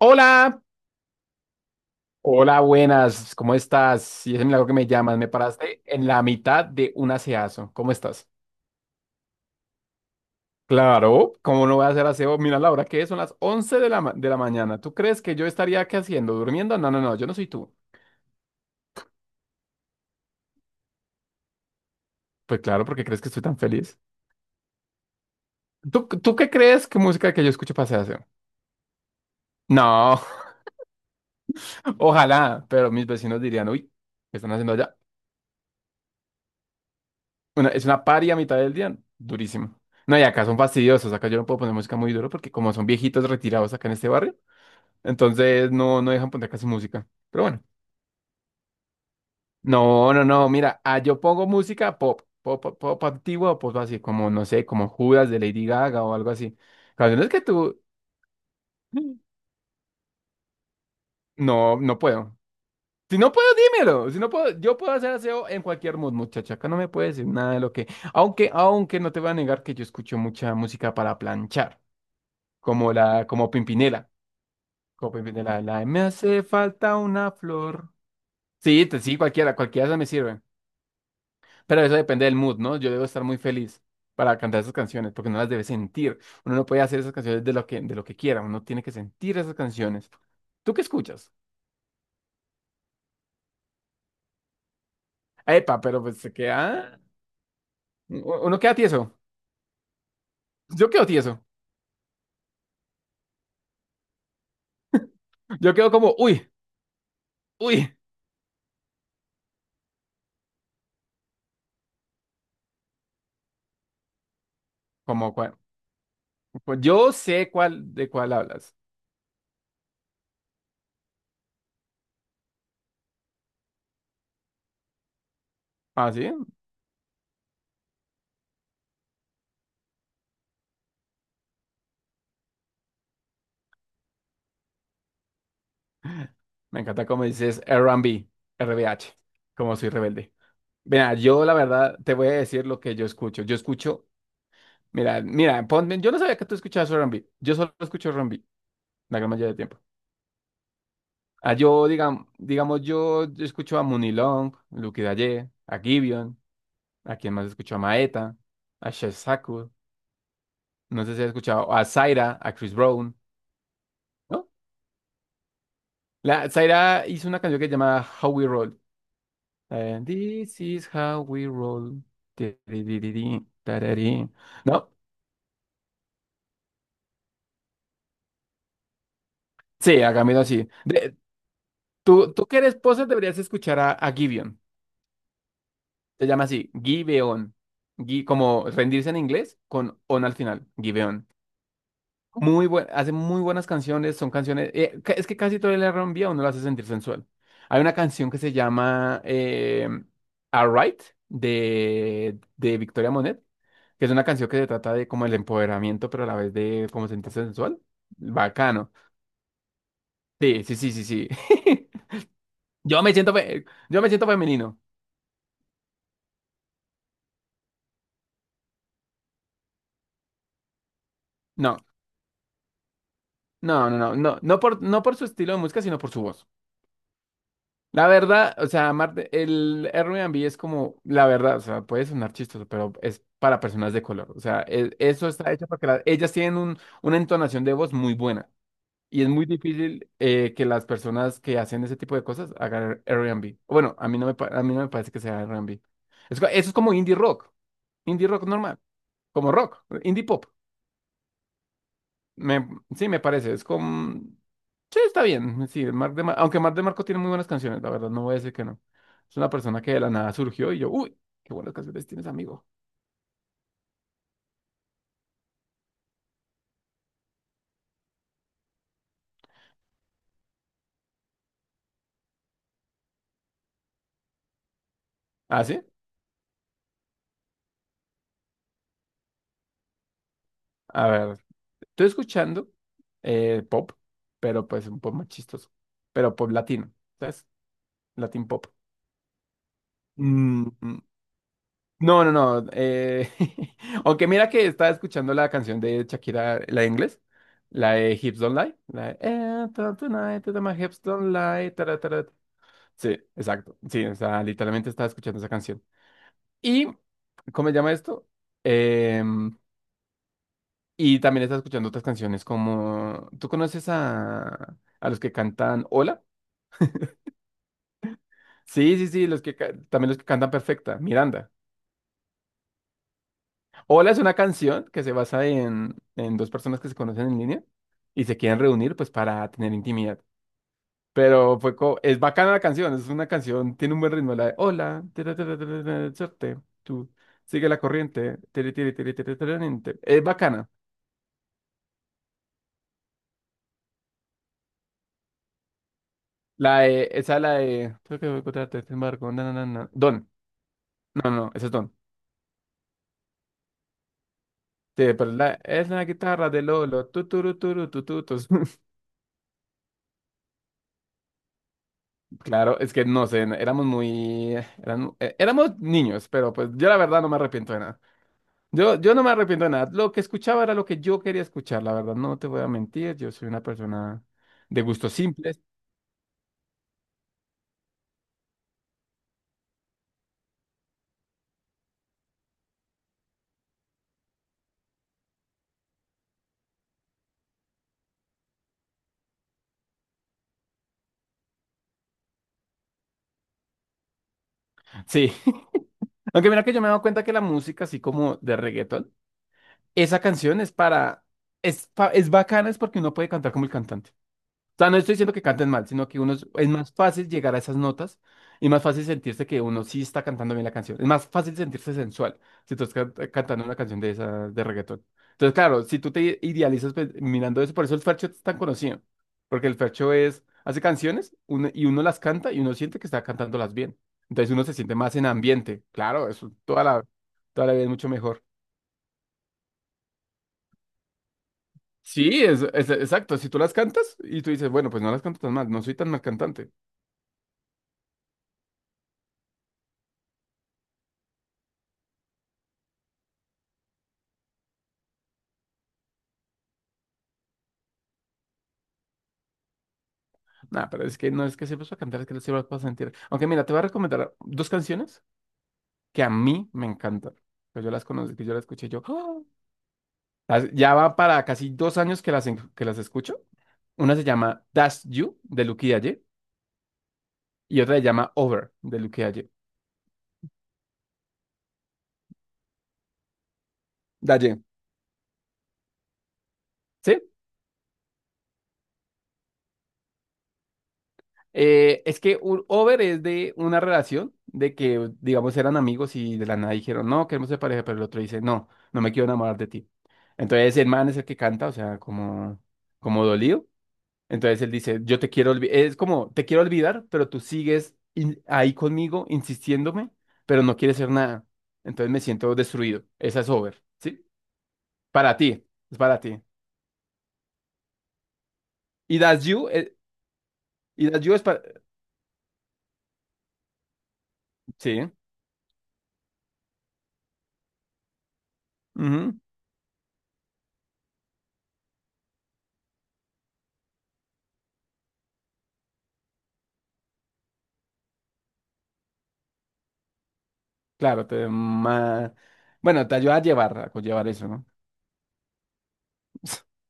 Hola, hola, buenas, ¿cómo estás? Y es milagro que me llamas, me paraste en la mitad de un aseazo, ¿cómo estás? Claro, ¿cómo no voy a hacer aseo? Mira la hora que es, son las 11 de la, de la mañana. ¿Tú crees que yo estaría qué haciendo? ¿Durmiendo? No, no, no, yo no soy tú. Pues claro, porque crees que estoy tan feliz. ¿Tú qué crees que música que yo escucho para hacer aseo? No, ojalá, pero mis vecinos dirían, uy, ¿qué están haciendo allá? Es una paria a mitad del día, durísimo. No, y acá son fastidiosos, acá yo no puedo poner música muy duro porque como son viejitos retirados acá en este barrio, entonces no, no dejan poner casi música. Pero bueno. No, no, no. Mira, yo pongo música pop, pop, pop, pop antiguo o pop así, como, no sé, como Judas de Lady Gaga o algo así. Canciones que tú. No, no puedo. Si no puedo, dímelo. Si no puedo, yo puedo hacer aseo en cualquier mood, muchacha. Acá no me puedes decir nada de lo que. Aunque, aunque no te voy a negar que yo escucho mucha música para planchar. Como la, como Pimpinela. Como Pimpinela, la de, me hace falta una flor. Sí, cualquiera, cualquiera de esas me sirve. Pero eso depende del mood, ¿no? Yo debo estar muy feliz para cantar esas canciones, porque no las debe sentir. Uno no puede hacer esas canciones de lo que quiera, uno tiene que sentir esas canciones. ¿Tú qué escuchas? Epa, pero pues se queda... Uno queda tieso. Yo quedo tieso. Yo quedo como, uy, uy. Como cuál. Pues yo sé cuál de cuál hablas. Ah, sí. Me encanta cómo dices R&B, H, como soy rebelde. Mira, yo la verdad te voy a decir lo que yo escucho. Yo escucho. Mira, mira, ponme, yo no sabía que tú escuchabas R&B. Yo solo escucho R&B la gran mayoría del tiempo. Ah, yo, digamos, digamos, yo escucho a Mooney Long, Lucky Daye, a Gibeon, a quien más escucho a Maeta, a Chef Saku, no sé si has escuchado a Zaira, a Chris Brown, ¿no? La, Zaira hizo una canción que se llama How We Roll. This is how we roll. Ti, ri, ri, ri, ri, tarari. ¿No? Sí, hagámoslo así. Tú que eres poser deberías escuchar a Gibeon. Se llama así, Give On. Como rendirse en inglés con on al final, Give On. Muy buen, hace muy buenas canciones, son canciones. Es que casi todo el R&B a uno lo hace sentir sensual. Hay una canción que se llama Alright, de Victoria Monet, que es una canción que se trata de como el empoderamiento, pero a la vez de como sentirse sensual. Bacano. Sí, sí, sí, sí, sí. Yo me siento, fe- yo me siento femenino. No, no, no, no, no, no por su estilo de música, sino por su voz. La verdad, o sea, Marte, el Airbnb es como, la verdad, o sea, puede sonar chistoso, pero es para personas de color. O sea, eso está hecho para que ellas tienen un, una entonación de voz muy buena. Y es muy difícil que las personas que hacen ese tipo de cosas hagan Airbnb. Bueno, a mí no me parece que sea Airbnb. Eso es como indie rock normal, como rock, indie pop. Me, sí, me parece, es como... Sí, está bien. Sí, aunque Marc de Marco tiene muy buenas canciones, la verdad, no voy a decir que no. Es una persona que de la nada surgió y yo, uy, qué buenas canciones tienes, amigo. ¿Ah, sí? A ver, estoy escuchando pop, pero pues un pop más chistoso, pero pop latino, ¿sabes? Latin pop. Mm, mm, no, no, no. Aunque mira que estaba escuchando la canción de Shakira, la de inglés, la de Hips Don't Lie, la de, Tonight, ta- ta- my hips don't lie, ta- ta- ta- ta". Sí, exacto. Sí, o sea, literalmente estaba escuchando esa canción. Y, ¿cómo se llama esto? Em, y también estaba escuchando otras canciones como, ¿tú conoces a los que cantan Hola? Sí, sí, sí, los que también los que cantan Perfecta, Miranda. Hola es una canción que se basa en dos personas que se conocen en línea y se quieren reunir pues para tener intimidad. Pero es bacana la canción, es una canción, tiene un buen ritmo, la de hola, tira, tira, tira, tira, suerte, tú, sigue la corriente, tiri, tiri, tiri, tiri, tira, ninte". Es bacana. La de, esa la de, creo que voy a encontrarte este embargo, na, na, na, na". Don, no, no, esa es Don. Sí, pero la, es la guitarra de Lolo, tu, tu, tu, tu, tu, tu, tu. Claro, es que no sé, éramos muy, éramos niños, pero pues yo la verdad no me arrepiento de nada. Yo no me arrepiento de nada. Lo que escuchaba era lo que yo quería escuchar, la verdad, no te voy a mentir. Yo soy una persona de gustos simples. Sí. Aunque mira que yo me he dado cuenta que la música, así como de reggaetón, esa canción es para, es bacana, es porque uno puede cantar como el cantante. Sea, no estoy diciendo que canten mal, sino que uno es más fácil llegar a esas notas y más fácil sentirse que uno sí está cantando bien la canción. Es más fácil sentirse sensual si tú estás cantando una canción de esa de reggaetón. Entonces, claro, si tú te idealizas pues, mirando eso, por eso el Fercho es tan conocido, porque el Fercho es, hace canciones y uno las canta y uno siente que está cantándolas bien. Entonces uno se siente más en ambiente. Claro, eso toda la vida es mucho mejor. Sí, exacto. Si tú las cantas y tú dices, bueno, pues no las canto tan mal, no soy tan mal cantante. No, pero es que no es que sepas para cantar, es que sepas para sentir. Aunque mira, te voy a recomendar dos canciones que a mí me encantan. Que yo las conocí, que yo las escuché yo. ¡Ah! Ya va para casi dos años que las, que las escucho. Una se llama That's You, de Lucky Dalle, y otra se llama Over, de Lucky Dalle. Dalle. ¿Sí? Over es de una relación de que, digamos, eran amigos y de la nada dijeron, no, queremos ser pareja, pero el otro dice, no, no me quiero enamorar de ti. Entonces el man es el que canta, o sea, como, como dolido. Entonces él dice, yo te quiero olvidar, es como, te quiero olvidar, pero tú sigues ahí conmigo, insistiéndome, pero no quieres hacer nada. Entonces me siento destruido. Esa es Over, ¿sí? Para ti, es para ti. Y That's You, eh, y That's You es para... Sí, ujú, claro, bueno, te ayuda a llevar, a conllevar eso, ¿no?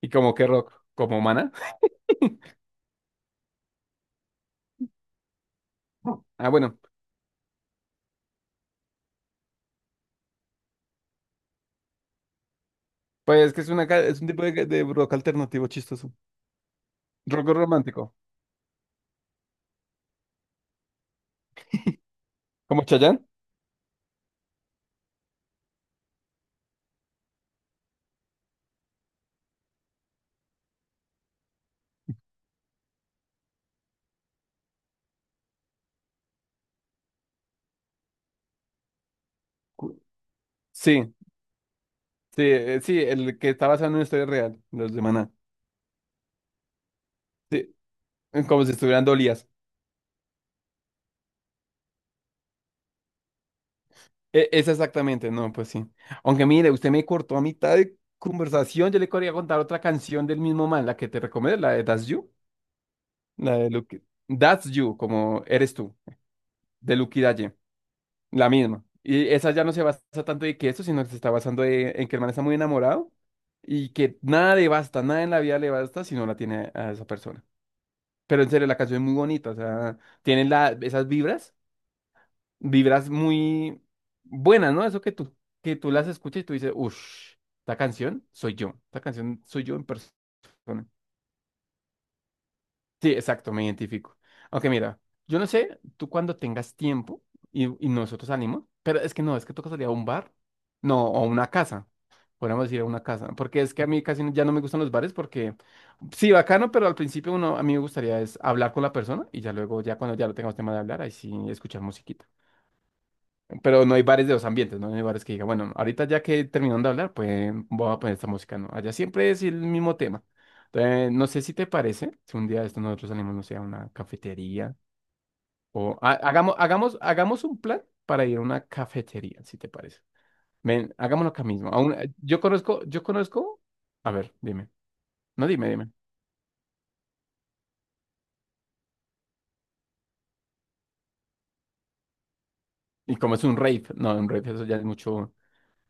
Y como que rock, como mana. Ah, bueno, pues que es, una, es un tipo de rock alternativo chistoso. Rock romántico. ¿Como Chayanne? Cu- Sí. Sí, sí, el que está basado en una historia real, los de Maná. Sí, como si estuvieran dolías. Es exactamente, no, pues sí. Aunque mire, usted me cortó a mitad de conversación, yo le quería contar otra canción del mismo man, la que te recomiendo, la de That's You, la de Lucky, That's You, como eres tú, de Lucky Dalle, la misma. Y esa ya no se basa tanto en que eso, sino que se está en que el man está muy enamorado y que nada le basta, nada en la vida le basta si no la tiene a esa persona. Pero en serio, la canción es muy bonita, o sea tienen la, esas vibras vibras muy buenas, ¿no? Eso que tú las escuchas y tú dices, uff, esta canción soy yo, esta canción soy yo en persona. Sí, exacto, me identifico. Aunque mira, yo no sé, tú cuando tengas tiempo y nosotros salimos, pero es que no, es que toca salir a un bar, no, o a una casa, podríamos ir a una casa, porque es que a mí casi no- ya no me gustan los bares porque, sí, bacano, pero al principio uno, a mí me gustaría es hablar con la persona y ya luego, ya cuando ya lo tengamos tema de hablar, ahí sí escuchar musiquita. Pero no hay bares de los ambientes, ¿no? No hay bares que diga, bueno, ahorita ya que terminaron de hablar, pues voy a poner esta música, ¿no? Allá siempre es el mismo tema. Entonces, no sé si te parece, si un día de esto nosotros salimos, no sé, a una cafetería hagamos, hagamos, hagamos un plan para ir a una cafetería, si te parece. Ven, hagámoslo acá mismo. Aún, yo conozco, a ver, dime, no dime, dime. Y como es un rave, no, un rave, eso ya es mucho,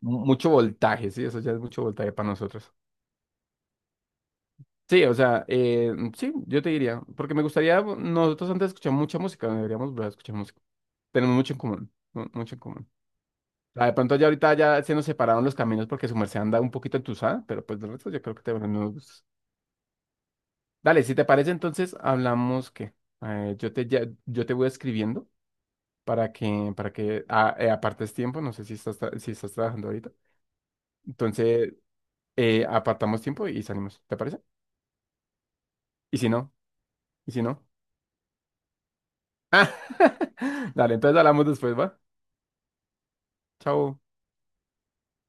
mu- mucho voltaje, sí, eso ya es mucho voltaje para nosotros. Sí, o sea, sí, yo te diría, porque me gustaría, nosotros antes escuchamos mucha música, deberíamos volver a escuchar música. Tenemos mucho en común, mucho en común. O sea, de pronto ya ahorita ya se nos separaron los caminos porque su merced anda un poquito entusada, pero pues de resto yo creo que tenemos los gustos. Dale, si te parece, entonces hablamos que yo te voy escribiendo para que para que apartes tiempo, no sé si estás si estás trabajando ahorita. Entonces, apartamos tiempo y salimos, ¿te parece? Y si no, y si no. Dale, entonces hablamos después, ¿va? Chao.